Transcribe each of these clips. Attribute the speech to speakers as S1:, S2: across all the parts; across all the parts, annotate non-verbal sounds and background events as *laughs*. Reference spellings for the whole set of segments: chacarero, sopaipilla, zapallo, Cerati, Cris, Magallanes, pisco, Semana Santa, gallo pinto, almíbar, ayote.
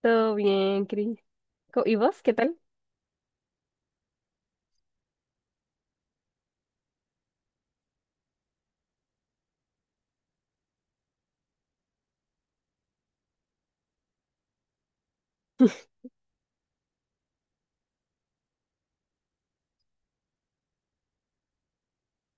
S1: Todo bien, Cris. ¿Y vos, qué tal?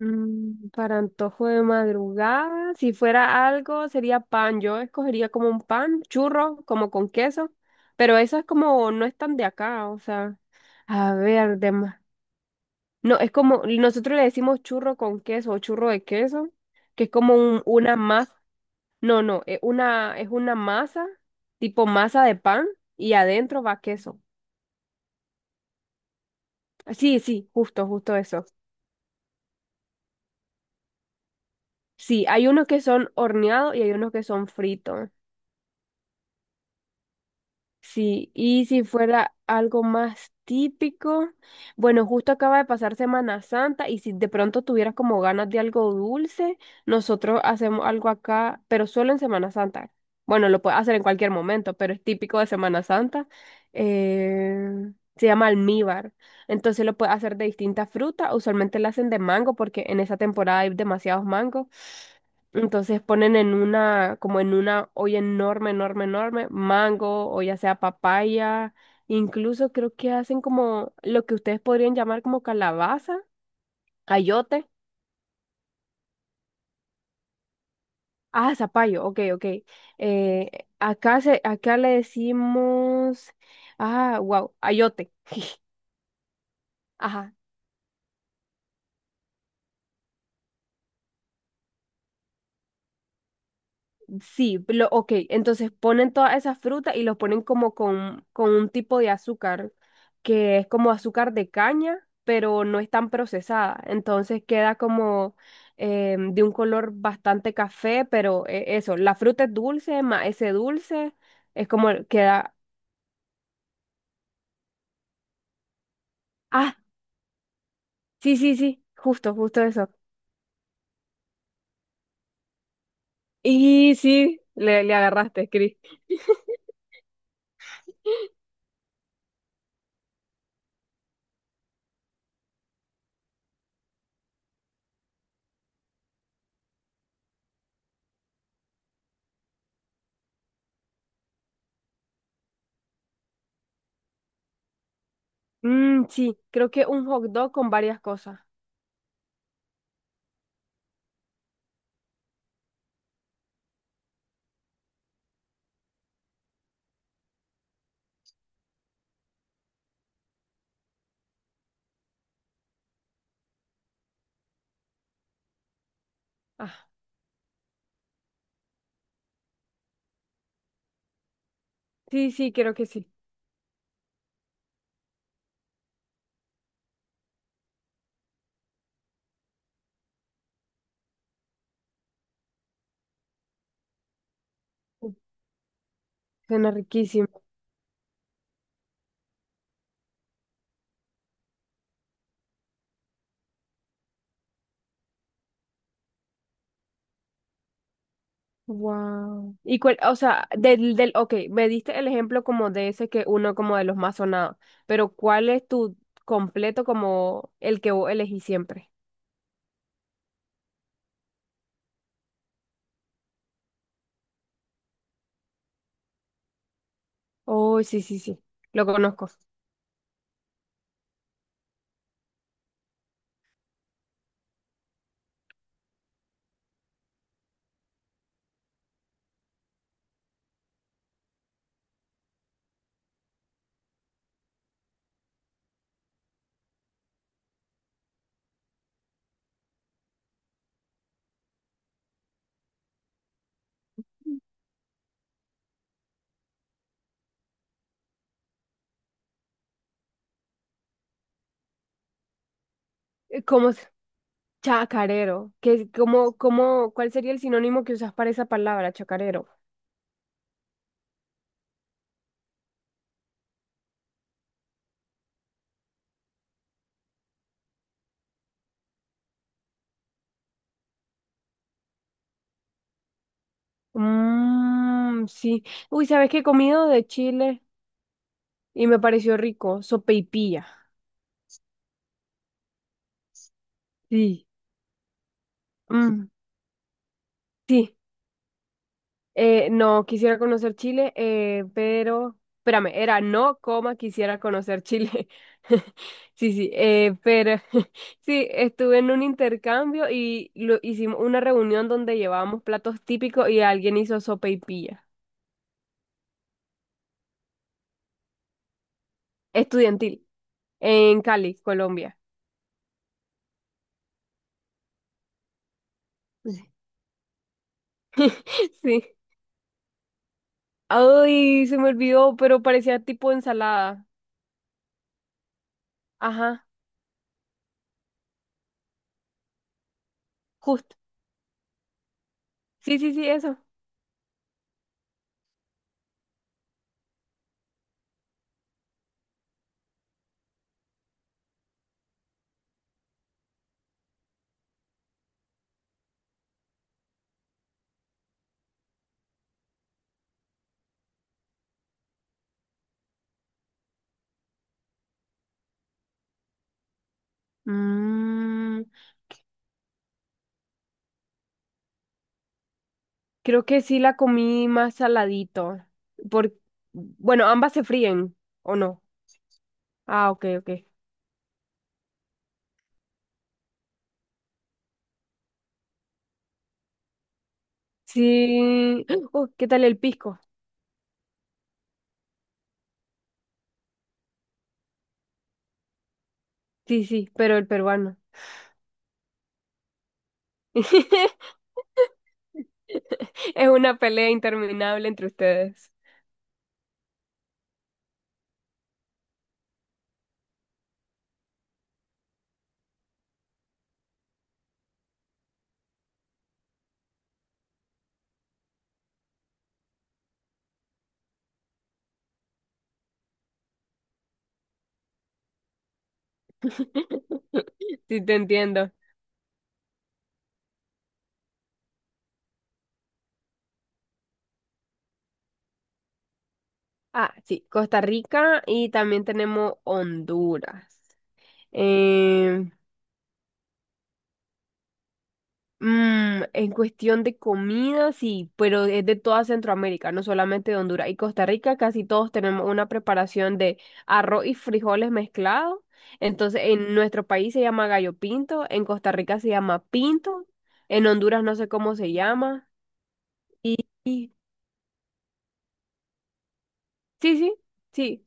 S1: Para antojo de madrugada, si fuera algo, sería pan. Yo escogería como un pan, churro, como con queso, pero eso es como, no es tan de acá, o sea, a ver, demás. No, es como, nosotros le decimos churro con queso o churro de queso, que es como una masa, no, es una masa, tipo masa de pan, y adentro va queso. Sí, sí, justo, justo eso. Sí, hay unos que son horneados y hay unos que son fritos. Sí, y si fuera algo más típico, bueno, justo acaba de pasar Semana Santa y si de pronto tuvieras como ganas de algo dulce, nosotros hacemos algo acá, pero solo en Semana Santa. Bueno, lo puedes hacer en cualquier momento, pero es típico de Semana Santa. Se llama almíbar. Entonces lo puedes hacer de distintas frutas. Usualmente lo hacen de mango porque en esa temporada hay demasiados mangos. Entonces ponen en una, como en una olla enorme, enorme, enorme, mango o ya sea papaya, incluso creo que hacen como lo que ustedes podrían llamar como calabaza, ayote. Ah, zapallo, ok, ok. Eh, Acá, se, acá le decimos, ah, wow, ayote. *laughs* Ajá, sí, lo, ok, entonces ponen todas esas frutas y los ponen como con un tipo de azúcar, que es como azúcar de caña, pero no es tan procesada. Entonces queda como de un color bastante café, pero eso, la fruta es dulce, más ese dulce es como queda... Ah, sí, sí, sí, justo, justo eso. Y sí, le agarraste, Cris. Mm, sí, creo que un hot dog con varias cosas. Ah, sí, sí, creo que sí. Uf, suena riquísimo. Wow. Y cuál, o sea, del, del, ok, me diste el ejemplo como de ese que uno como de los más sonados, pero ¿cuál es tu completo como el que vos elegís siempre? Oh, sí, sí, sí, lo conozco. ¿Cómo es? Chacarero. ¿Qué, cómo, cómo, cuál sería el sinónimo que usas para esa palabra, chacarero? Mmm, sí. Uy, ¿sabes qué he comido de Chile? Y me pareció rico, sopaipilla. Sí. Mm, sí. No, quisiera conocer Chile, pero, espérame, era no, coma, quisiera conocer Chile. *laughs* Sí, sí, pero *laughs* sí, estuve en un intercambio y lo, hicimos una reunión donde llevábamos platos típicos y alguien hizo sopa y pilla estudiantil en Cali, Colombia. *laughs* Sí. Ay, se me olvidó, pero parecía tipo ensalada. Ajá, justo. Sí, sí, sí, eso. Mm, creo que sí la comí más saladito. Por... Bueno, ambas se fríen, ¿o no? Ah, ok, ok. Sí. *gasps* Oh, ¿qué tal el pisco? Sí, sí, pero el peruano. *laughs* Es una pelea interminable entre ustedes. *laughs* Sí, te entiendo. Ah, sí, Costa Rica y también tenemos Honduras. Em, en cuestión de comida, sí, pero es de toda Centroamérica, no solamente de Honduras y Costa Rica, casi todos tenemos una preparación de arroz y frijoles mezclados. Entonces, en nuestro país se llama gallo pinto, en Costa Rica se llama pinto, en Honduras no sé cómo se llama. Y, y- sí, sí, sí,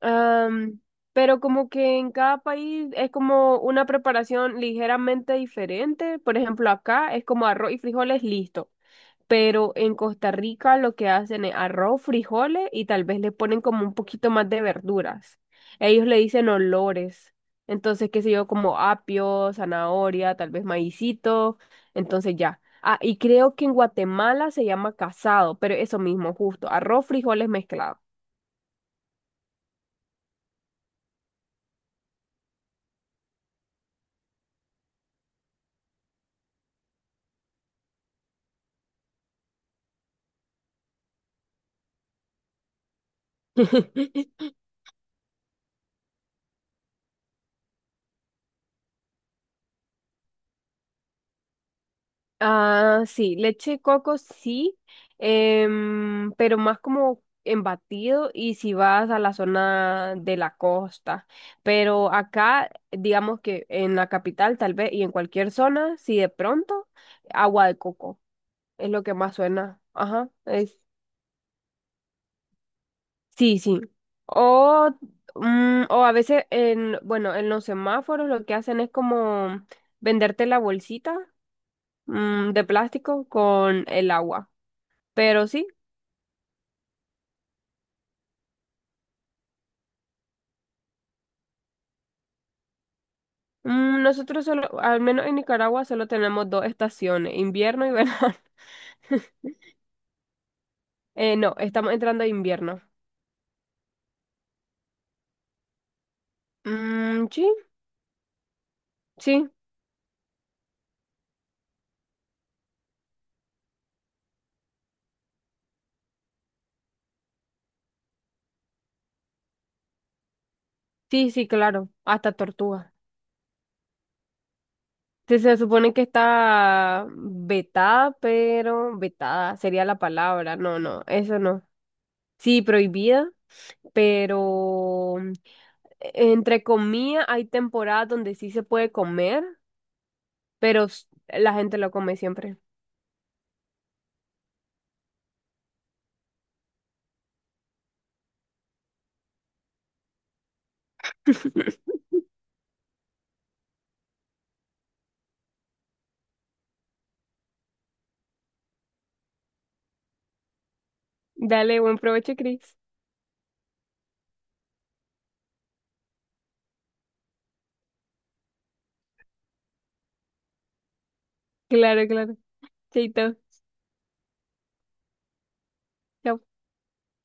S1: Am, pero como que en cada país es como una preparación ligeramente diferente. Por ejemplo, acá es como arroz y frijoles, listo. Pero en Costa Rica lo que hacen es arroz, frijoles y tal vez le ponen como un poquito más de verduras. Ellos le dicen olores. Entonces, qué sé yo, como apio, zanahoria, tal vez maicito. Entonces ya. Ah, y creo que en Guatemala se llama casado, pero eso mismo, justo, arroz, frijoles mezclado. *laughs* Ah, sí, leche de coco sí, em, pero más como en batido y si vas a la zona de la costa. Pero acá, digamos que en la capital tal vez y en cualquier zona, si de pronto, agua de coco es lo que más suena. Ajá, es, sí, sí. O, mm, o a veces en, bueno, en los semáforos lo que hacen es como venderte la bolsita, mm, de plástico con el agua. Pero sí. Mm, nosotros solo, al menos en Nicaragua, solo tenemos dos estaciones, invierno y verano. *laughs* No, estamos entrando a invierno. Mm, sí, sí, sí, sí, claro, hasta tortuga. Se supone que está vetada, pero vetada sería la palabra. No, no, eso no. Sí, prohibida, pero mm, entre comillas hay temporadas donde sí se puede comer, pero la gente lo come siempre. *laughs* Dale, buen provecho, Chris. Claro, claro. Chaito. Chao.